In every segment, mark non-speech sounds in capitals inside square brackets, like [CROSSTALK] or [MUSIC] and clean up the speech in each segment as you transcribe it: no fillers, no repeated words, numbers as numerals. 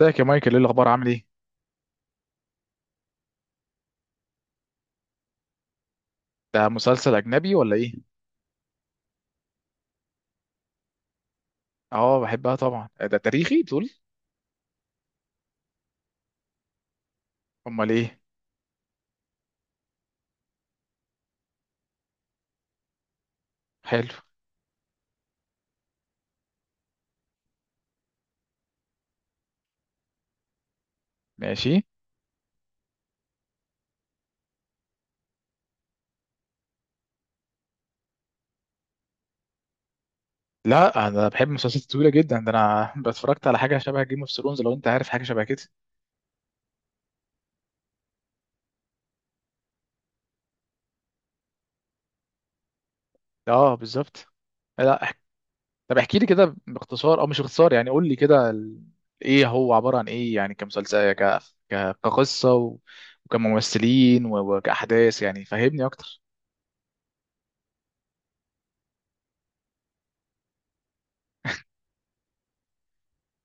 ازيك يا مايكل؟ ايه الاخبار؟ عامل ايه؟ ده مسلسل اجنبي ولا ايه؟ اه بحبها طبعا. ده تاريخي تقول. امال ايه؟ حلو. ماشي. لا، انا بحب مسلسلات طويله جدا، ده انا [LAUGHS] اتفرجت على حاجه شبه جيم اوف ثرونز، لو انت عارف حاجه شبه كده. اه بالظبط. لا، طب احكي لي كده باختصار او مش باختصار، يعني قول لي كده ايه هو عباره عن ايه، يعني كمسلسل، كقصه و وكممثلين و وكاحداث يعني فهمني اكتر.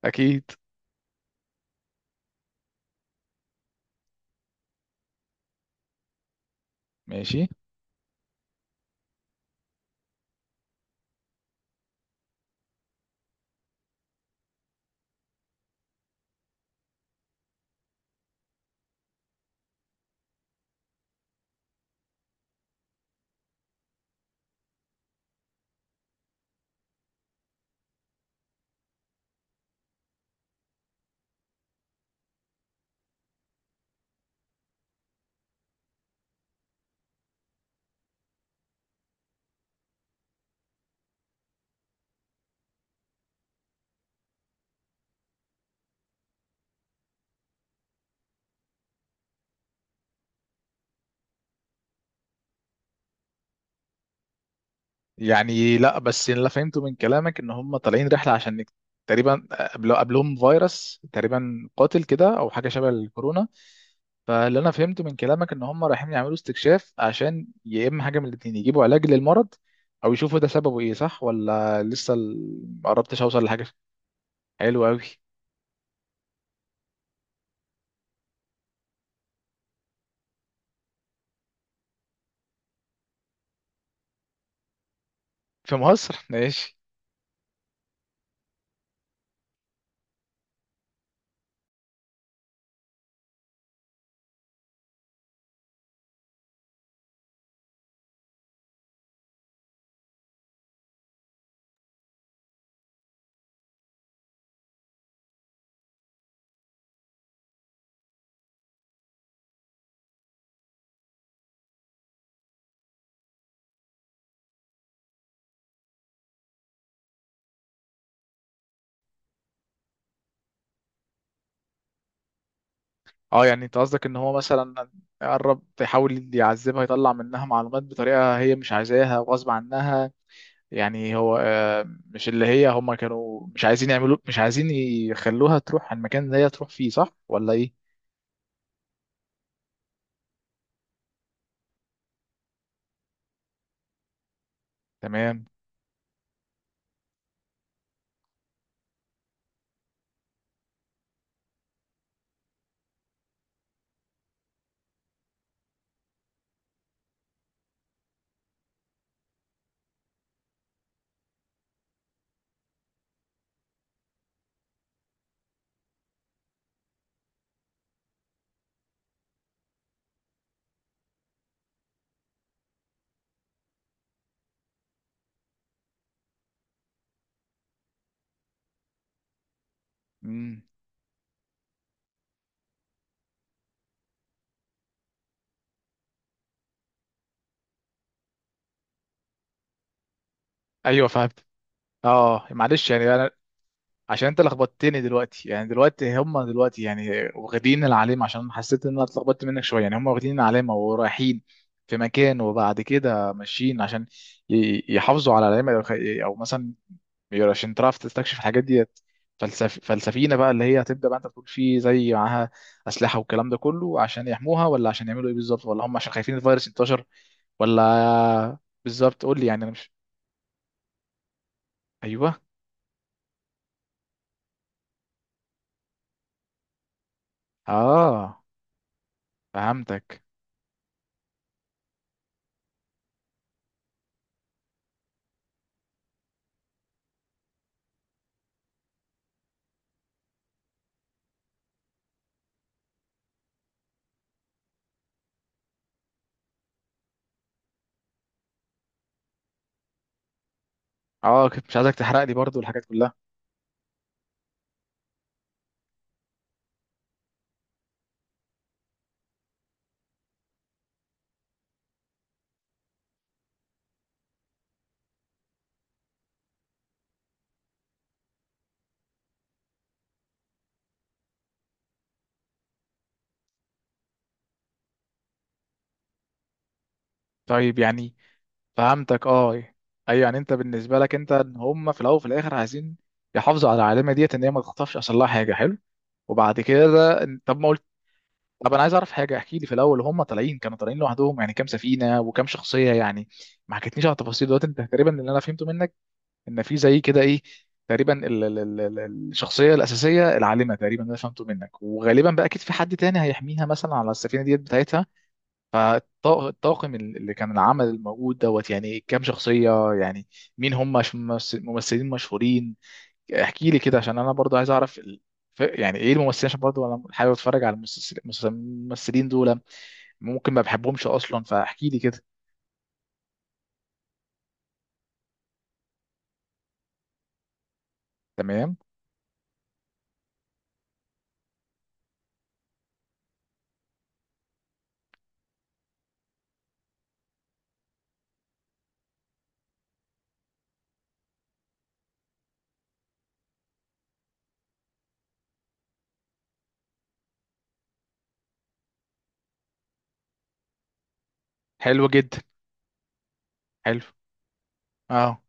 اكيد. ماشي. يعني لا، بس اللي فهمته من كلامك ان هم طالعين رحله عشان تقريبا قبلهم فيروس تقريبا قاتل كده، او حاجه شبه الكورونا. فاللي انا فهمته من كلامك ان هم رايحين يعملوا استكشاف عشان يا اما حاجه من الاتنين يجيبوا علاج للمرض، او يشوفوا ده سببه ايه. صح ولا لسه ما قربتش اوصل لحاجه؟ حلو قوي. في مصر [LAUGHS] ماشي. اه، يعني انت قصدك ان هو مثلا يقرب يحاول يعذبها، يطلع منها معلومات بطريقه هي مش عايزاها وغصب عنها. يعني هو مش اللي هي، هم كانوا مش عايزين يخلوها تروح على المكان اللي هي تروح فيه. صح ولا ايه؟ تمام. مم. ايوه فهمت. اه معلش، يعني انا عشان انت لخبطتني دلوقتي، يعني دلوقتي هم دلوقتي يعني واخدين العلامه، عشان حسيت ان انا اتلخبطت منك شويه. يعني هم واخدين العلامه ورايحين في مكان، وبعد كده ماشيين عشان يحافظوا على العلامه، أو مثلا بيقول عشان تعرف تستكشف الحاجات ديت. فلسفينا بقى اللي هي هتبدا، بقى انت بتقول فيه زي معاها اسلحه والكلام ده كله، عشان يحموها ولا عشان يعملوا ايه بالظبط؟ ولا هم عشان خايفين الفيروس ينتشر؟ ولا؟ بالظبط، قول لي، يعني انا مش. ايوه. اه فهمتك. اه كنت مش عايزك تحرق لي برضو الحاجات كلها. طيب يعني. فهمتك اه. ايوه، يعني انت بالنسبه لك انت، ان هم في الاول وفي الاخر عايزين يحافظوا على العالمه ديت ان هي ما تخطفش، اصل لها حاجه حلو. وبعد كده طب ما قلت. طب انا عايز اعرف حاجه، احكي لي في الاول، هم طالعين كانوا طالعين لوحدهم، يعني كام سفينه وكام شخصيه يعني؟ ما حكيتنيش على التفاصيل دلوقتي. انت تقريبا اللي انا فهمته منك ان في زي كده ايه، تقريبا الشخصيه الاساسيه العالمه، تقريبا انا فهمته منك. وغالبا بقى اكيد في حد تاني هيحميها مثلا على السفينه ديت بتاعتها. فالطاقم اللي كان العمل الموجود دوت، يعني كام شخصيه يعني؟ مين هم؟ ممثلين مشهورين؟ احكي لي كده عشان انا برضو عايز اعرف يعني ايه الممثلين، عشان برضو انا حابب اتفرج على المسلسلين دول. ممكن ما بحبهمش اصلا، فاحكي لي كده. تمام. حلو جدا. حلو. اه.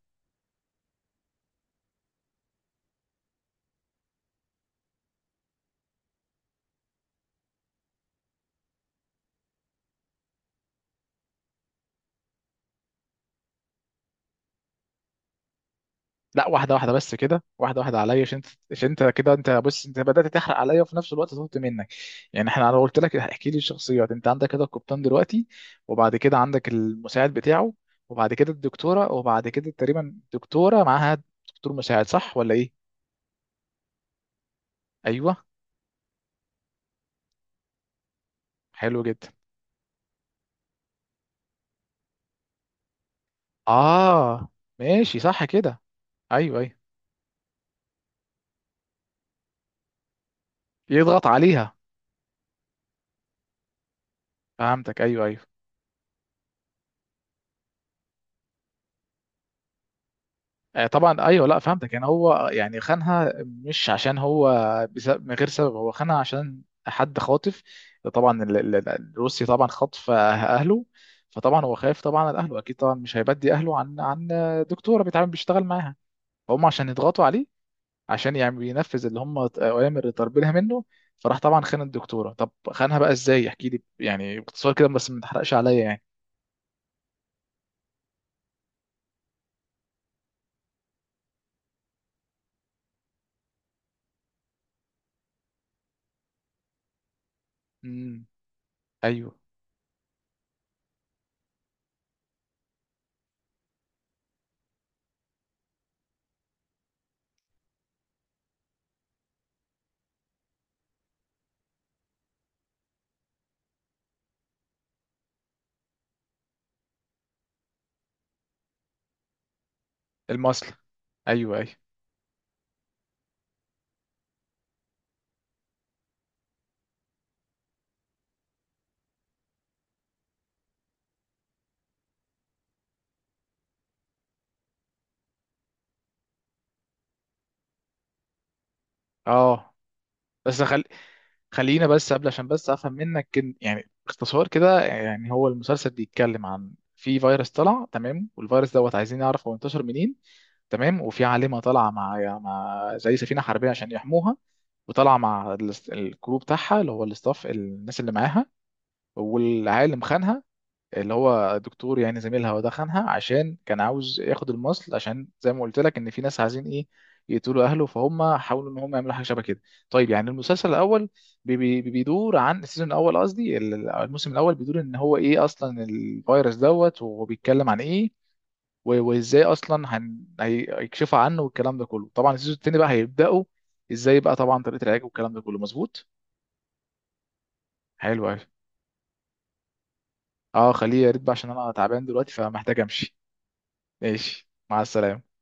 لا، واحده واحده بس كده، واحده واحده عليا، عشان انت كده، انت بص انت بدات تحرق عليا، وفي نفس الوقت طلبت منك. يعني انا قلت لك احكي لي الشخصيات. انت عندك كده القبطان دلوقتي، وبعد كده عندك المساعد بتاعه، وبعد كده الدكتوره، وبعد كده تقريبا دكتوره معاها دكتور مساعد. صح ولا ايه؟ ايوه. حلو جدا. اه. ماشي صح كده. ايوه ايوه. يضغط عليها. فهمتك، ايوه ايوه. طبعا ايوه، لا فهمتك. يعني هو يعني خانها مش عشان هو من غير سبب. هو خانها عشان حد خاطف. طبعا الروسي طبعا خاطف اهله، فطبعا هو خايف طبعا على اهله، اكيد طبعا مش هيبدي اهله عن دكتوره بيتعامل بيشتغل معاها. فهم عشان يضغطوا عليه، عشان يعني بينفذ اللي هم اوامر اللي طالبينها منه. فراح طبعا خان الدكتوره. طب خانها بقى ازاي؟ احكي لي يعني باختصار كده، بس ما تحرقش عليا يعني. امم ايوه. المصل. ايوه ايوه. اه. بس خل... خلينا بس قبل، عشان بس افهم منك يعني باختصار كده، يعني هو المسلسل بيتكلم عن في فيروس طلع. تمام. والفيروس دوت عايزين نعرف هو انتشر منين. تمام. وفي عالمة طالعة مع زي سفينة حربية عشان يحموها، وطالعة مع الكروب بتاعها اللي هو الاستاف، الناس اللي معاها. والعالم خانها، اللي هو دكتور يعني زميلها، ودخنها عشان كان عاوز ياخد المصل، عشان زي ما قلت لك ان في ناس عايزين ايه يقتلوا اهله، فهم حاولوا ان هم يعملوا حاجه شبه كده. طيب يعني المسلسل الاول، بي بي بيدور عن السيزون الاول. قصدي الموسم الاول بيدور ان هو ايه اصلا الفيروس دوت، وهو بيتكلم عن ايه، وازاي اصلا هيكشفوا عنه والكلام ده كله. طبعا السيزون التاني بقى هيبداوا ازاي، بقى طبعا طريقه العلاج والكلام ده كله. مظبوط. حلو أوي. اه، خليه يا ريت بقى، عشان انا تعبان دلوقتي فمحتاج امشي. ماشي، مع السلامه.